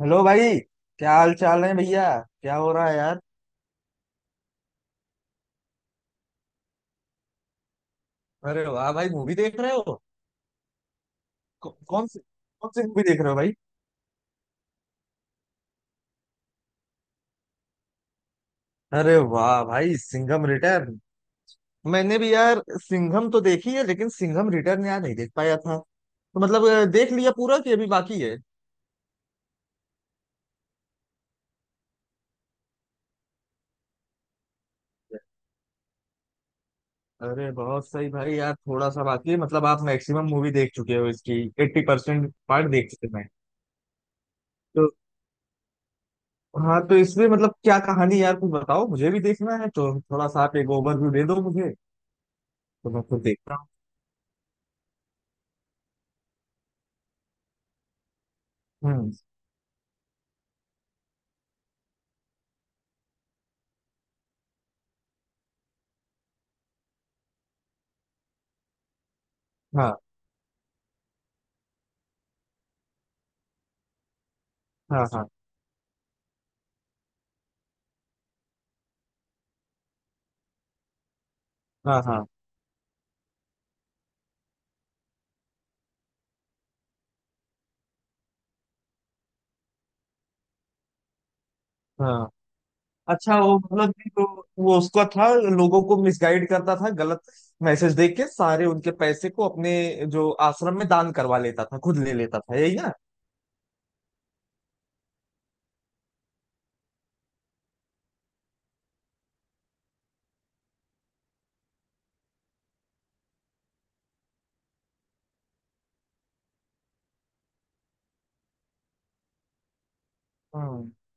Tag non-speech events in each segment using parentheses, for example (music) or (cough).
Hello भाई। क्या हाल चाल है भैया। क्या हो रहा है यार। अरे वाह भाई मूवी देख रहे हो। कौन सी कौन सी मूवी देख रहे हो भाई। अरे वाह भाई सिंघम रिटर्न। मैंने भी यार सिंघम तो देखी है लेकिन सिंघम रिटर्न यार नहीं देख पाया था। तो मतलब देख लिया पूरा कि अभी बाकी है। अरे बहुत सही भाई यार थोड़ा सा बाकी है, मतलब आप मैक्सिमम मूवी देख चुके हो, इसकी 80% पार्ट देख चुके हैं। तो हाँ, तो इसमें मतलब क्या कहानी, यार कुछ बताओ, मुझे भी देखना है तो थोड़ा सा आप एक ओवरव्यू दे दो मुझे। तो मैं खुद देखता हूँ। हम्म। हाँ। हाँ। हाँ। हाँ। हाँ। हाँ। अच्छा, वो मतलब कि तो वो उसका था। लोगों को मिसगाइड करता था, गलत मैसेज देख के सारे उनके पैसे को अपने जो आश्रम में दान करवा लेता था, खुद ले लेता था, यही ना। हम्म।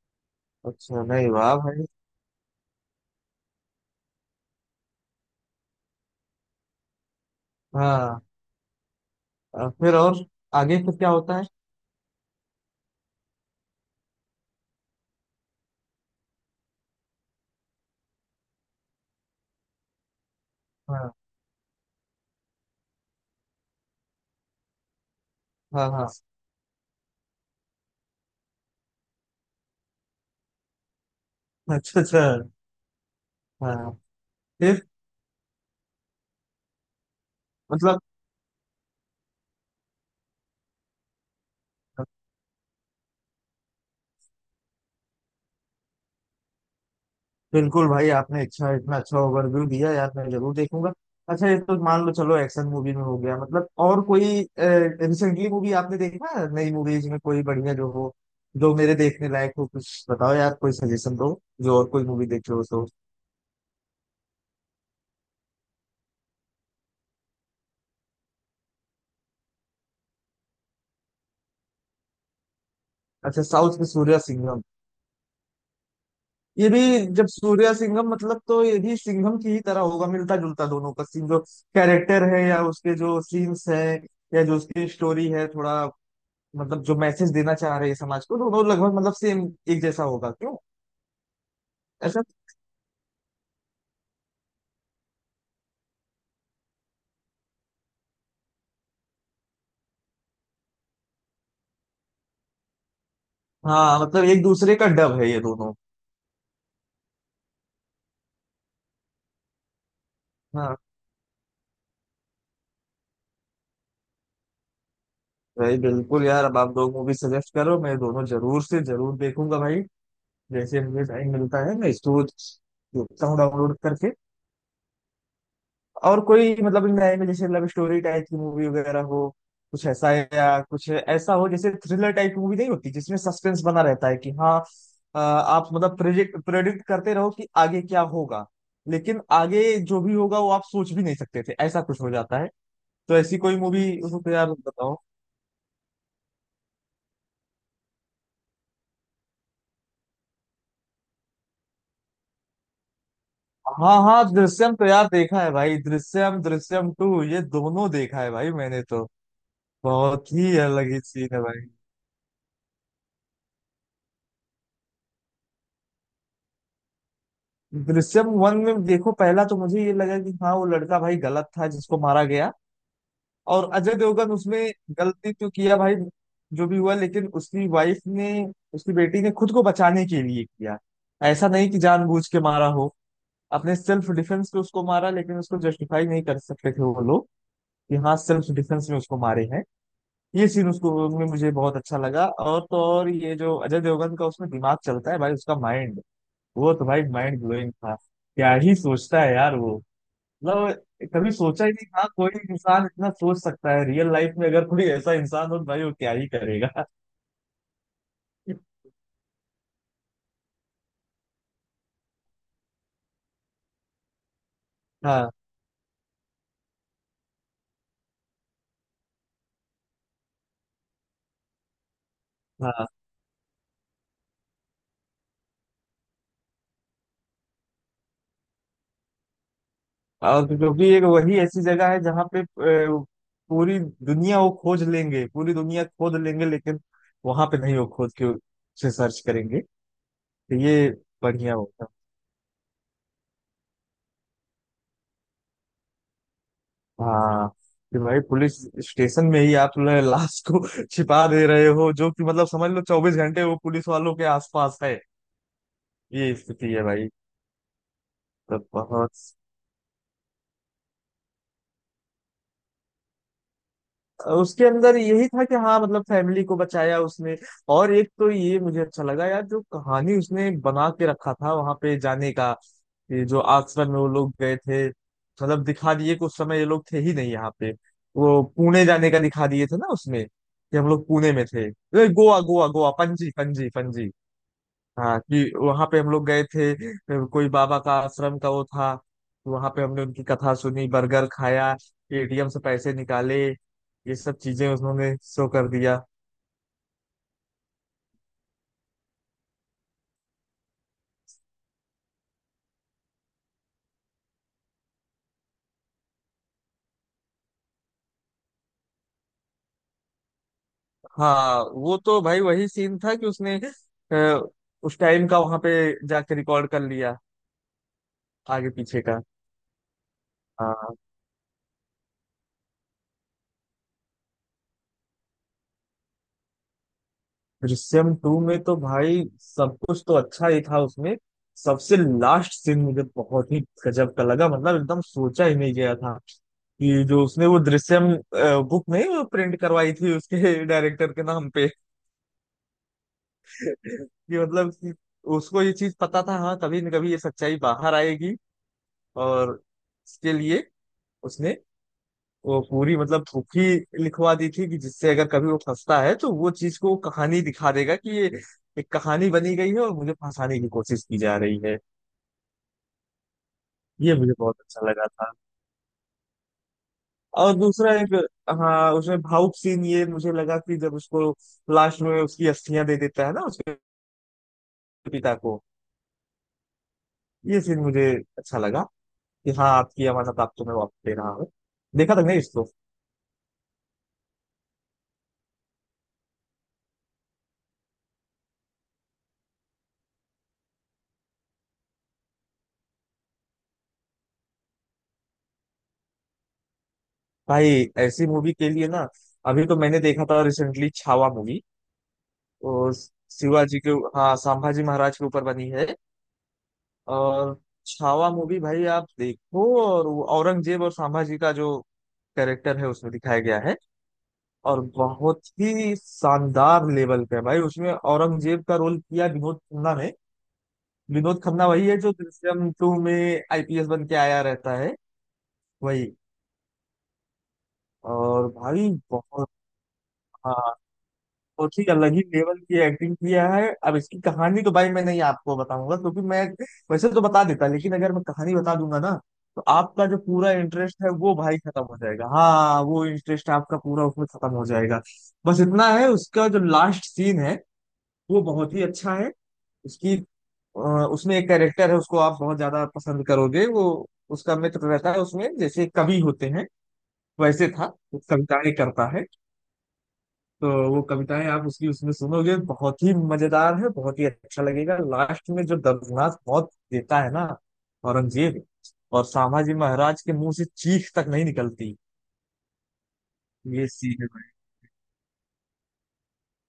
अच्छा, नहीं वाह भाई। हाँ, फिर और आगे फिर क्या होता है। हाँ। हाँ। हाँ। अच्छा अच्छा। हाँ। फिर मतलब। बिल्कुल भाई, आपने अच्छा, इतना अच्छा ओवरव्यू दिया यार, मैं जरूर देखूंगा। अच्छा, ये तो मान लो चलो एक्शन मूवी में हो गया, मतलब और कोई रिसेंटली मूवी आपने देखा है? नई मूवीज में कोई बढ़िया जो हो, जो मेरे देखने लायक हो, कुछ बताओ यार, कोई सजेशन दो, जो और कोई मूवी देखे हो तो। अच्छा, साउथ में सूर्या सिंघम। ये भी। जब सूर्या सिंघम मतलब तो ये भी सिंघम की ही तरह होगा, मिलता जुलता दोनों का सीन जो कैरेक्टर है या उसके जो सीन्स है या जो उसकी स्टोरी है, थोड़ा मतलब जो मैसेज देना चाह रहे हैं समाज को, दोनों लगभग मतलब सेम एक जैसा होगा क्यों। ऐसा। हाँ, मतलब एक दूसरे का डब है ये दोनों। हाँ। भाई बिल्कुल यार, अब आप दो मूवी सजेस्ट करो, मैं दोनों जरूर से जरूर देखूंगा भाई। जैसे मुझे टाइम मिलता है मैं इसको देखता हूँ डाउनलोड करके। और कोई मतलब नए में जैसे लव स्टोरी टाइप की मूवी वगैरह हो, कुछ ऐसा है या कुछ ऐसा हो जैसे थ्रिलर टाइप की मूवी नहीं होती जिसमें सस्पेंस बना रहता है कि हाँ, आप मतलब प्रोजेक्ट प्रेडिक्ट करते रहो कि आगे क्या होगा। लेकिन आगे जो भी होगा वो आप सोच भी नहीं सकते थे, ऐसा कुछ हो जाता है। तो ऐसी कोई मूवी उसको तो यार बताओ। हाँ हाँ, दृश्यम तो यार देखा है भाई, दृश्यम, दृश्यम टू, ये दोनों देखा है भाई मैंने तो। बहुत ही अलग ही सीन है भाई। दृश्यम वन में देखो, पहला तो मुझे ये लगा कि हाँ, वो लड़का भाई गलत था जिसको मारा गया। और अजय देवगन उसमें गलती तो किया भाई, जो भी हुआ, लेकिन उसकी वाइफ ने, उसकी बेटी ने खुद को बचाने के लिए किया। ऐसा नहीं कि जानबूझ के मारा हो, अपने सेल्फ डिफेंस पे उसको मारा, लेकिन उसको जस्टिफाई नहीं कर सकते थे वो लोग कि हाँ सेल्फ डिफेंस में उसको मारे हैं। ये सीन उसको में मुझे बहुत अच्छा लगा, और तो और ये जो अजय देवगन का उसमें दिमाग चलता है भाई उसका माइंड, वो तो भाई माइंड ब्लोइंग था, क्या ही सोचता है यार वो। मतलब कभी सोचा ही नहीं, हाँ, कोई इंसान इतना सोच सकता है, रियल लाइफ में अगर कोई ऐसा इंसान हो तो भाई वो क्या ही करेगा। (laughs) हाँ। हाँ। और क्योंकि एक वही ऐसी जगह है जहाँ पे पूरी दुनिया वो खोज लेंगे, पूरी दुनिया खोद लेंगे, लेकिन वहां पे नहीं वो खोद के उसे सर्च करेंगे, तो ये बढ़िया होगा। हाँ, कि भाई पुलिस स्टेशन में ही आप जो है लाश को (laughs) छिपा दे रहे हो, जो कि मतलब समझ लो 24 घंटे वो पुलिस वालों के आसपास है। ये स्थिति है भाई। तो बहुत। उसके अंदर यही था कि हाँ मतलब फैमिली को बचाया उसने। और एक तो ये मुझे अच्छा लगा यार जो कहानी उसने बना के रखा था वहां पे जाने का। ये जो आश्रम में वो लोग गए थे, मतलब दिखा दिए कि उस समय ये लोग थे ही नहीं यहाँ पे। वो पुणे जाने का दिखा दिए थे ना उसमें कि हम लोग पुणे में थे, अरे गोवा गोवा गोवा, पणजी पणजी पणजी। हाँ कि वहां पे हम लोग गए थे, कोई बाबा का आश्रम का वो था। वहां पे हमने उनकी कथा सुनी, बर्गर खाया, एटीएम से पैसे निकाले। ये सब चीजें उन्होंने शो कर दिया। हाँ, वो तो भाई वही सीन था कि उसने अ, उस टाइम का वहां पे जाके रिकॉर्ड कर लिया, आगे पीछे का। हाँ। दृश्यम टू में तो भाई सब कुछ तो अच्छा ही था उसमें। सबसे लास्ट सीन मुझे बहुत ही गजब का लगा, मतलब एकदम सोचा ही नहीं गया था कि जो उसने वो दृश्यम बुक नहीं, वो प्रिंट करवाई थी उसके डायरेक्टर के नाम पे, कि मतलब कि उसको ये चीज पता था हाँ, कभी न कभी ये सच्चाई बाहर आएगी। और इसके लिए उसने वो पूरी मतलब थोपी लिखवा दी थी कि जिससे अगर कभी वो फंसता है तो वो चीज को, वो कहानी दिखा देगा कि ये एक कहानी बनी गई है और मुझे फंसाने की कोशिश की जा रही है। ये मुझे बहुत अच्छा लगा था। और दूसरा एक, हाँ उसमें भावुक सीन ये मुझे लगा कि जब उसको लास्ट में उसकी अस्थियां दे देता है ना उसके पिता को, ये सीन मुझे अच्छा लगा कि हाँ आपकी अमानत आपको मैं वापस दे रहा हूँ। देखा था नहीं इसको। भाई ऐसी मूवी के लिए ना, अभी तो मैंने देखा था रिसेंटली छावा मूवी। वो शिवाजी के, हाँ, संभाजी महाराज के ऊपर बनी है। और छावा मूवी भाई आप देखो, और वो औरंगजेब और संभाजी का जो कैरेक्टर है उसमें दिखाया गया है। और बहुत ही शानदार लेवल पे है भाई, उसमें औरंगजेब का रोल किया विनोद खन्ना ने। विनोद खन्ना वही है जो दृश्यम टू में आईपीएस बन के आया रहता है, वही। और भाई बहुत। हाँ, बहुत ही अलग ही लेवल की एक्टिंग किया है। अब इसकी कहानी तो भाई मैं नहीं आपको बताऊंगा, क्योंकि मैं वैसे तो बता देता, लेकिन अगर मैं कहानी बता दूंगा ना तो आपका जो पूरा इंटरेस्ट है वो भाई खत्म हो जाएगा, हाँ, वो इंटरेस्ट आपका पूरा उसमें खत्म हो जाएगा। बस इतना है, उसका जो लास्ट सीन है वो बहुत ही अच्छा है। उसकी अ, उसमें एक कैरेक्टर है, उसको आप बहुत ज्यादा पसंद करोगे, वो उसका मित्र रहता है उसमें, जैसे कवि होते हैं वैसे था, वो कविताएं करता है। तो वो कविताएं आप उसकी उसमें सुनोगे, बहुत ही मजेदार है, बहुत ही अच्छा लगेगा, लास्ट में जो दर्दनाक मौत देता है ना औरंगजेब, और संभाजी महाराज के मुंह से चीख तक नहीं निकलती। ये सीन है भाई।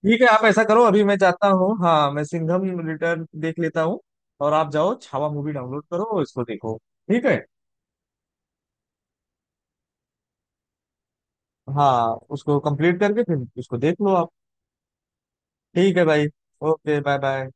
ठीक है, आप ऐसा करो, अभी मैं जाता हूँ, हाँ मैं सिंघम रिटर्न देख लेता हूँ। और आप जाओ छावा मूवी डाउनलोड करो, इसको देखो। ठीक है। हाँ, उसको कंप्लीट करके फिर इसको देख लो आप। ठीक है भाई। Okay bye bye.